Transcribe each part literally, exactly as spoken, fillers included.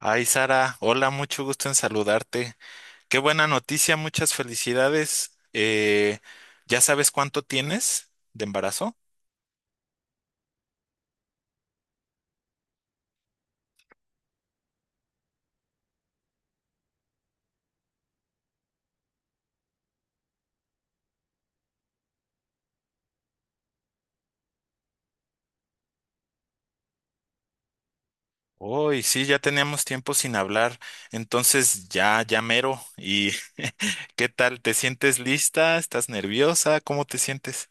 Ay, Sara, hola, mucho gusto en saludarte. Qué buena noticia, muchas felicidades. Eh, ¿ya sabes cuánto tienes de embarazo? Uy, sí, ya teníamos tiempo sin hablar, entonces ya, ya mero. ¿Y qué tal? ¿Te sientes lista? ¿Estás nerviosa? ¿Cómo te sientes?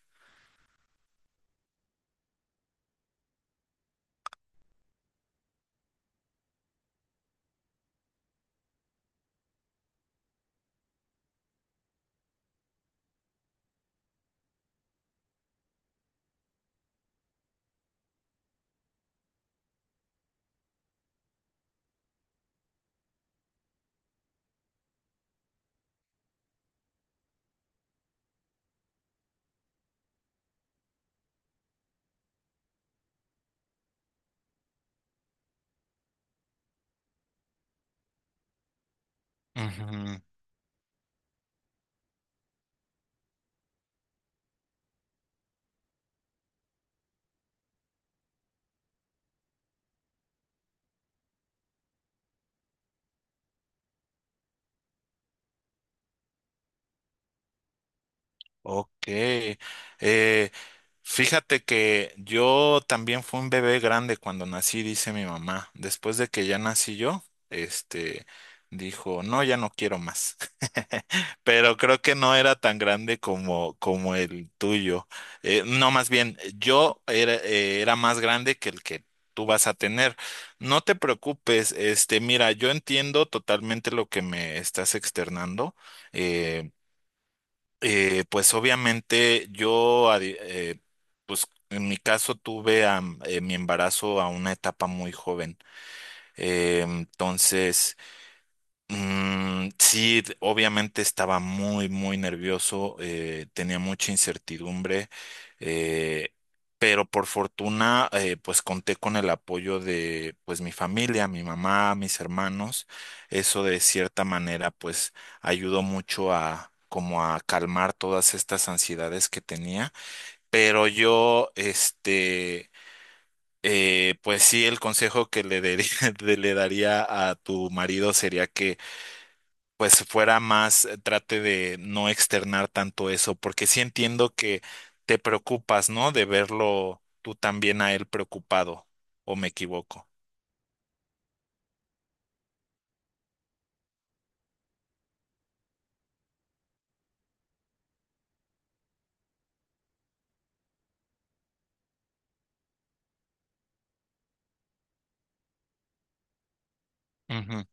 Ujú. Ok. Eh, Fíjate que yo también fui un bebé grande cuando nací, dice mi mamá. Después de que ya nací yo, este, dijo, no, ya no quiero más. Pero creo que no era tan grande como, como el tuyo. Eh, no, más bien, yo era, eh, era más grande que el que tú vas a tener. No te preocupes, este, mira, yo entiendo totalmente lo que me estás externando. eh, eh, pues obviamente yo, a di- eh, pues en mi caso tuve a, m- eh, mi embarazo a una etapa muy joven. Eh, entonces... Mm, sí, d- obviamente estaba muy, muy nervioso, eh, tenía mucha incertidumbre, eh, pero por fortuna, eh, pues conté con el apoyo de, pues mi familia, mi mamá, mis hermanos. Eso de cierta manera, pues ayudó mucho a, como a calmar todas estas ansiedades que tenía. Pero yo, este, eh, pues sí, el consejo que le daría, le daría a tu marido sería que pues fuera más, eh, trate de no externar tanto eso, porque sí entiendo que te preocupas, ¿no? De verlo tú también a él preocupado, o me equivoco. Ujú.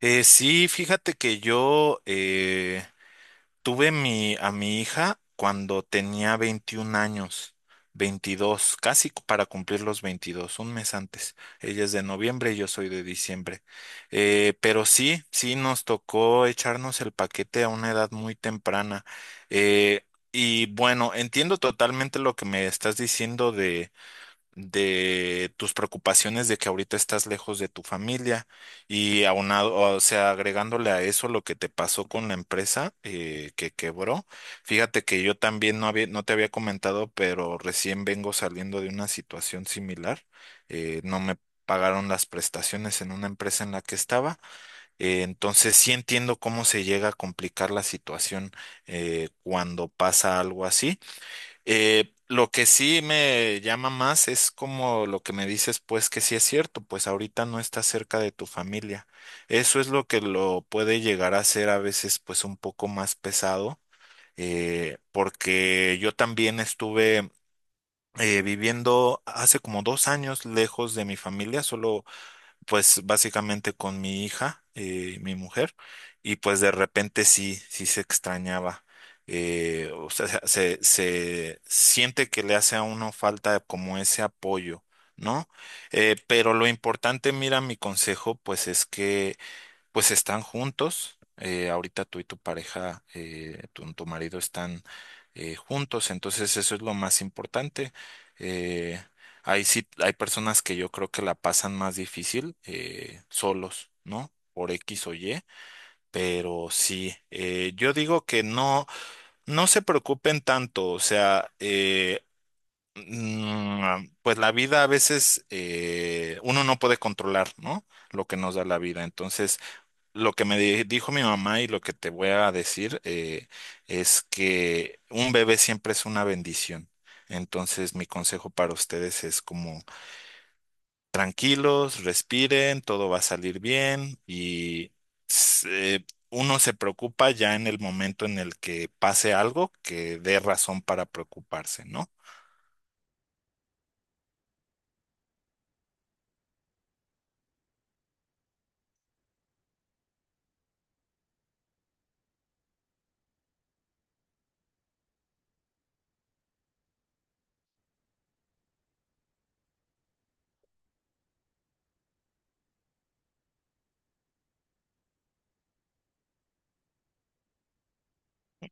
Eh, sí, fíjate que yo, eh, Tuve mi, a mi hija cuando tenía veintiún años, veintidós, casi cu- para cumplir los veintidós, un mes antes. Ella es de noviembre y yo soy de diciembre. Eh, pero sí, sí nos tocó echarnos el paquete a una edad muy temprana. Eh, y bueno, entiendo totalmente lo que me estás diciendo de tus preocupaciones de que ahorita estás lejos de tu familia y aunado, o sea, agregándole a eso lo que te pasó con la empresa, eh, que quebró. Fíjate que yo también no había, no te había comentado, pero recién vengo saliendo de una situación similar. Eh, no me pagaron las prestaciones en una empresa en la que estaba. Eh, entonces sí entiendo cómo se llega a complicar la situación eh, cuando pasa algo así. Eh, lo que sí me llama más es como lo que me dices, pues que sí es cierto, pues ahorita no estás cerca de tu familia. Eso es lo que lo puede llegar a ser a veces pues un poco más pesado, eh, porque yo también estuve eh, viviendo hace como dos años lejos de mi familia, solo pues básicamente con mi hija, eh, mi mujer, y pues de repente sí, sí se extrañaba. Eh, o sea, se, se siente que le hace a uno falta como ese apoyo, ¿no? Eh, pero lo importante, mira, mi consejo, pues es que pues están juntos. Eh, ahorita tú y tu pareja, eh, tu, tu marido están eh, juntos, entonces eso es lo más importante. Eh, hay, sí, hay personas que yo creo que la pasan más difícil eh, solos, ¿no? Por X o Y, pero sí, eh, yo digo que no, no se preocupen tanto, o sea, eh, mm, pues la vida a veces eh, uno no puede controlar, ¿no? Lo que nos da la vida, entonces lo que me di- dijo mi mamá y lo que te voy a decir, eh, es que un bebé siempre es una bendición. Entonces, mi consejo para ustedes es como tranquilos, respiren, todo va a salir bien y se- uno se preocupa ya en el momento en el que pase algo que dé razón para preocuparse, ¿no?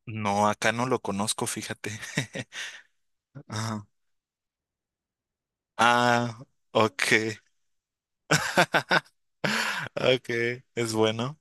No, acá no lo conozco, fíjate. Ajá. Ah, ok. Ok, es bueno.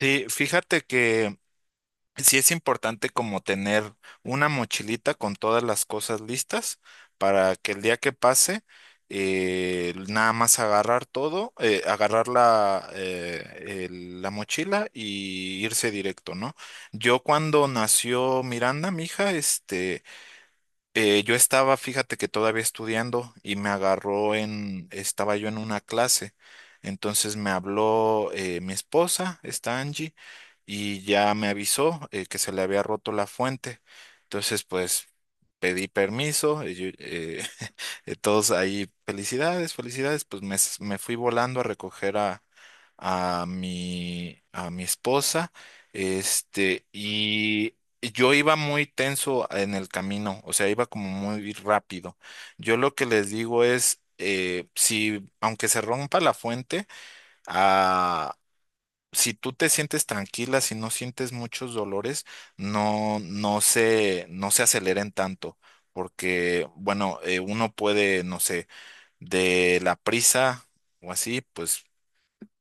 Sí, fíjate que sí es importante como tener una mochilita con todas las cosas listas para que el día que pase, eh, nada más agarrar todo, eh, agarrar la, eh, el- la mochila y irse directo, ¿no? Yo cuando nació Miranda, mi hija, este, eh, yo estaba, fíjate que todavía estudiando y me agarró en, estaba yo en una clase, entonces me habló, eh, mi esposa, esta Angie, y ya me avisó, eh, que se le había roto la fuente. Entonces, pues pedí permiso, y yo, eh, eh, todos ahí, felicidades, felicidades, pues me, s- me fui volando a recoger a, a mi, a mi esposa, este, y yo iba muy tenso en el camino, o sea, iba como muy rápido. Yo lo que les digo es, eh, si, aunque se rompa la fuente, ah, si tú te sientes tranquila, si no sientes muchos dolores, no, no se, no se aceleren tanto, porque, bueno, eh, uno puede, no sé, de la prisa o así, pues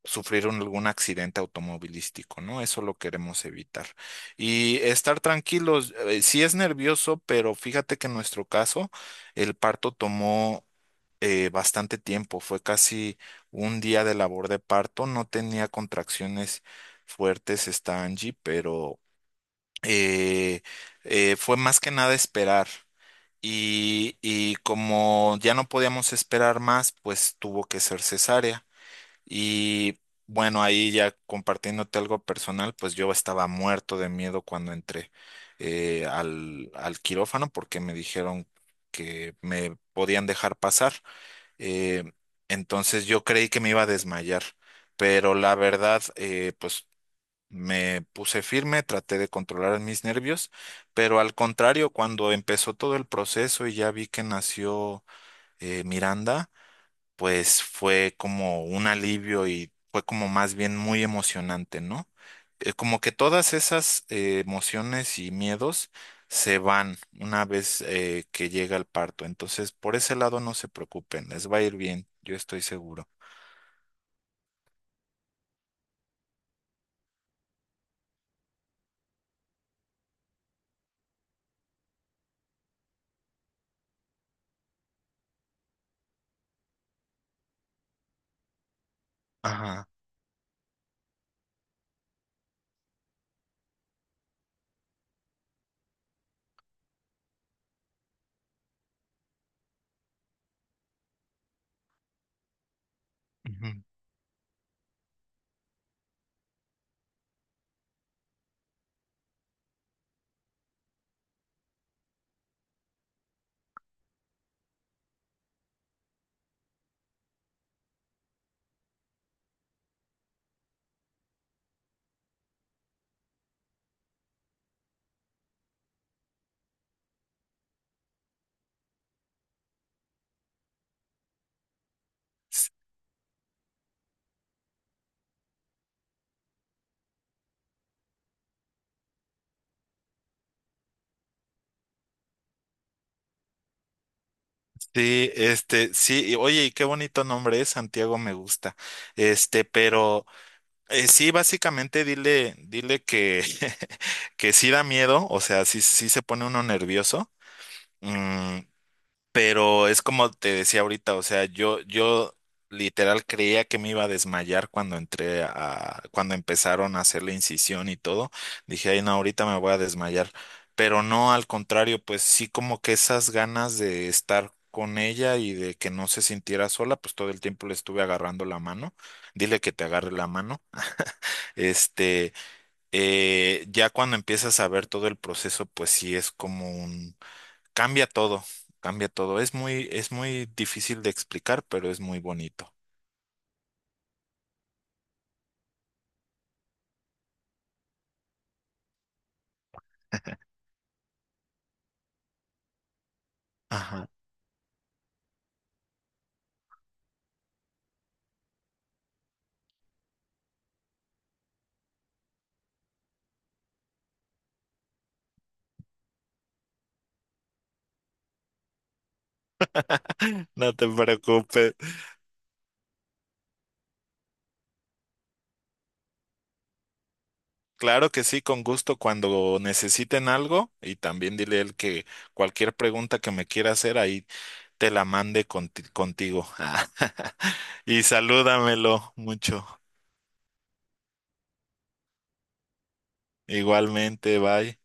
sufrir un- algún accidente automovilístico, ¿no? Eso lo queremos evitar. Y estar tranquilos, eh, sí es nervioso, pero fíjate que en nuestro caso el parto tomó, eh, bastante tiempo, fue casi un día de labor de parto, no tenía contracciones fuertes esta Angie, pero eh, eh, fue más que nada esperar. Y, y como ya no podíamos esperar más, pues tuvo que ser cesárea. Y bueno, ahí ya compartiéndote algo personal, pues yo estaba muerto de miedo cuando entré, eh, al, al quirófano porque me dijeron que me podían dejar pasar. Eh, entonces yo creí que me iba a desmayar, pero la verdad, eh, pues me puse firme, traté de controlar mis nervios, pero al contrario, cuando empezó todo el proceso y ya vi que nació, eh, Miranda, pues fue como un alivio y fue como más bien muy emocionante, ¿no? Eh, como que todas esas, eh, emociones y miedos se van una vez eh, que llega el parto. Entonces, por ese lado no se preocupen, les va a ir bien, yo estoy seguro. Ajá. Ujú. Sí, este, sí, y oye, y qué bonito nombre es, Santiago me gusta. Este, pero, eh, sí, básicamente dile, dile que, que sí da miedo, o sea, sí, sí se pone uno nervioso. Mm, pero es como te decía ahorita, o sea, yo, yo literal creía que me iba a desmayar cuando entré a, cuando empezaron a hacer la incisión y todo. Dije, ay, no, ahorita me voy a desmayar. Pero no, al contrario, pues sí como que esas ganas de estar con ella y de que no se sintiera sola, pues todo el tiempo le estuve agarrando la mano. Dile que te agarre la mano. Este, eh, ya cuando empiezas a ver todo el proceso, pues sí es como un Cambia todo, cambia todo. Es muy, es muy difícil de explicar, pero es muy bonito. Ajá. No te preocupes. Claro que sí, con gusto cuando necesiten algo y también dile a él que cualquier pregunta que me quiera hacer ahí te la mande conti- contigo. Y salúdamelo mucho. Igualmente, bye.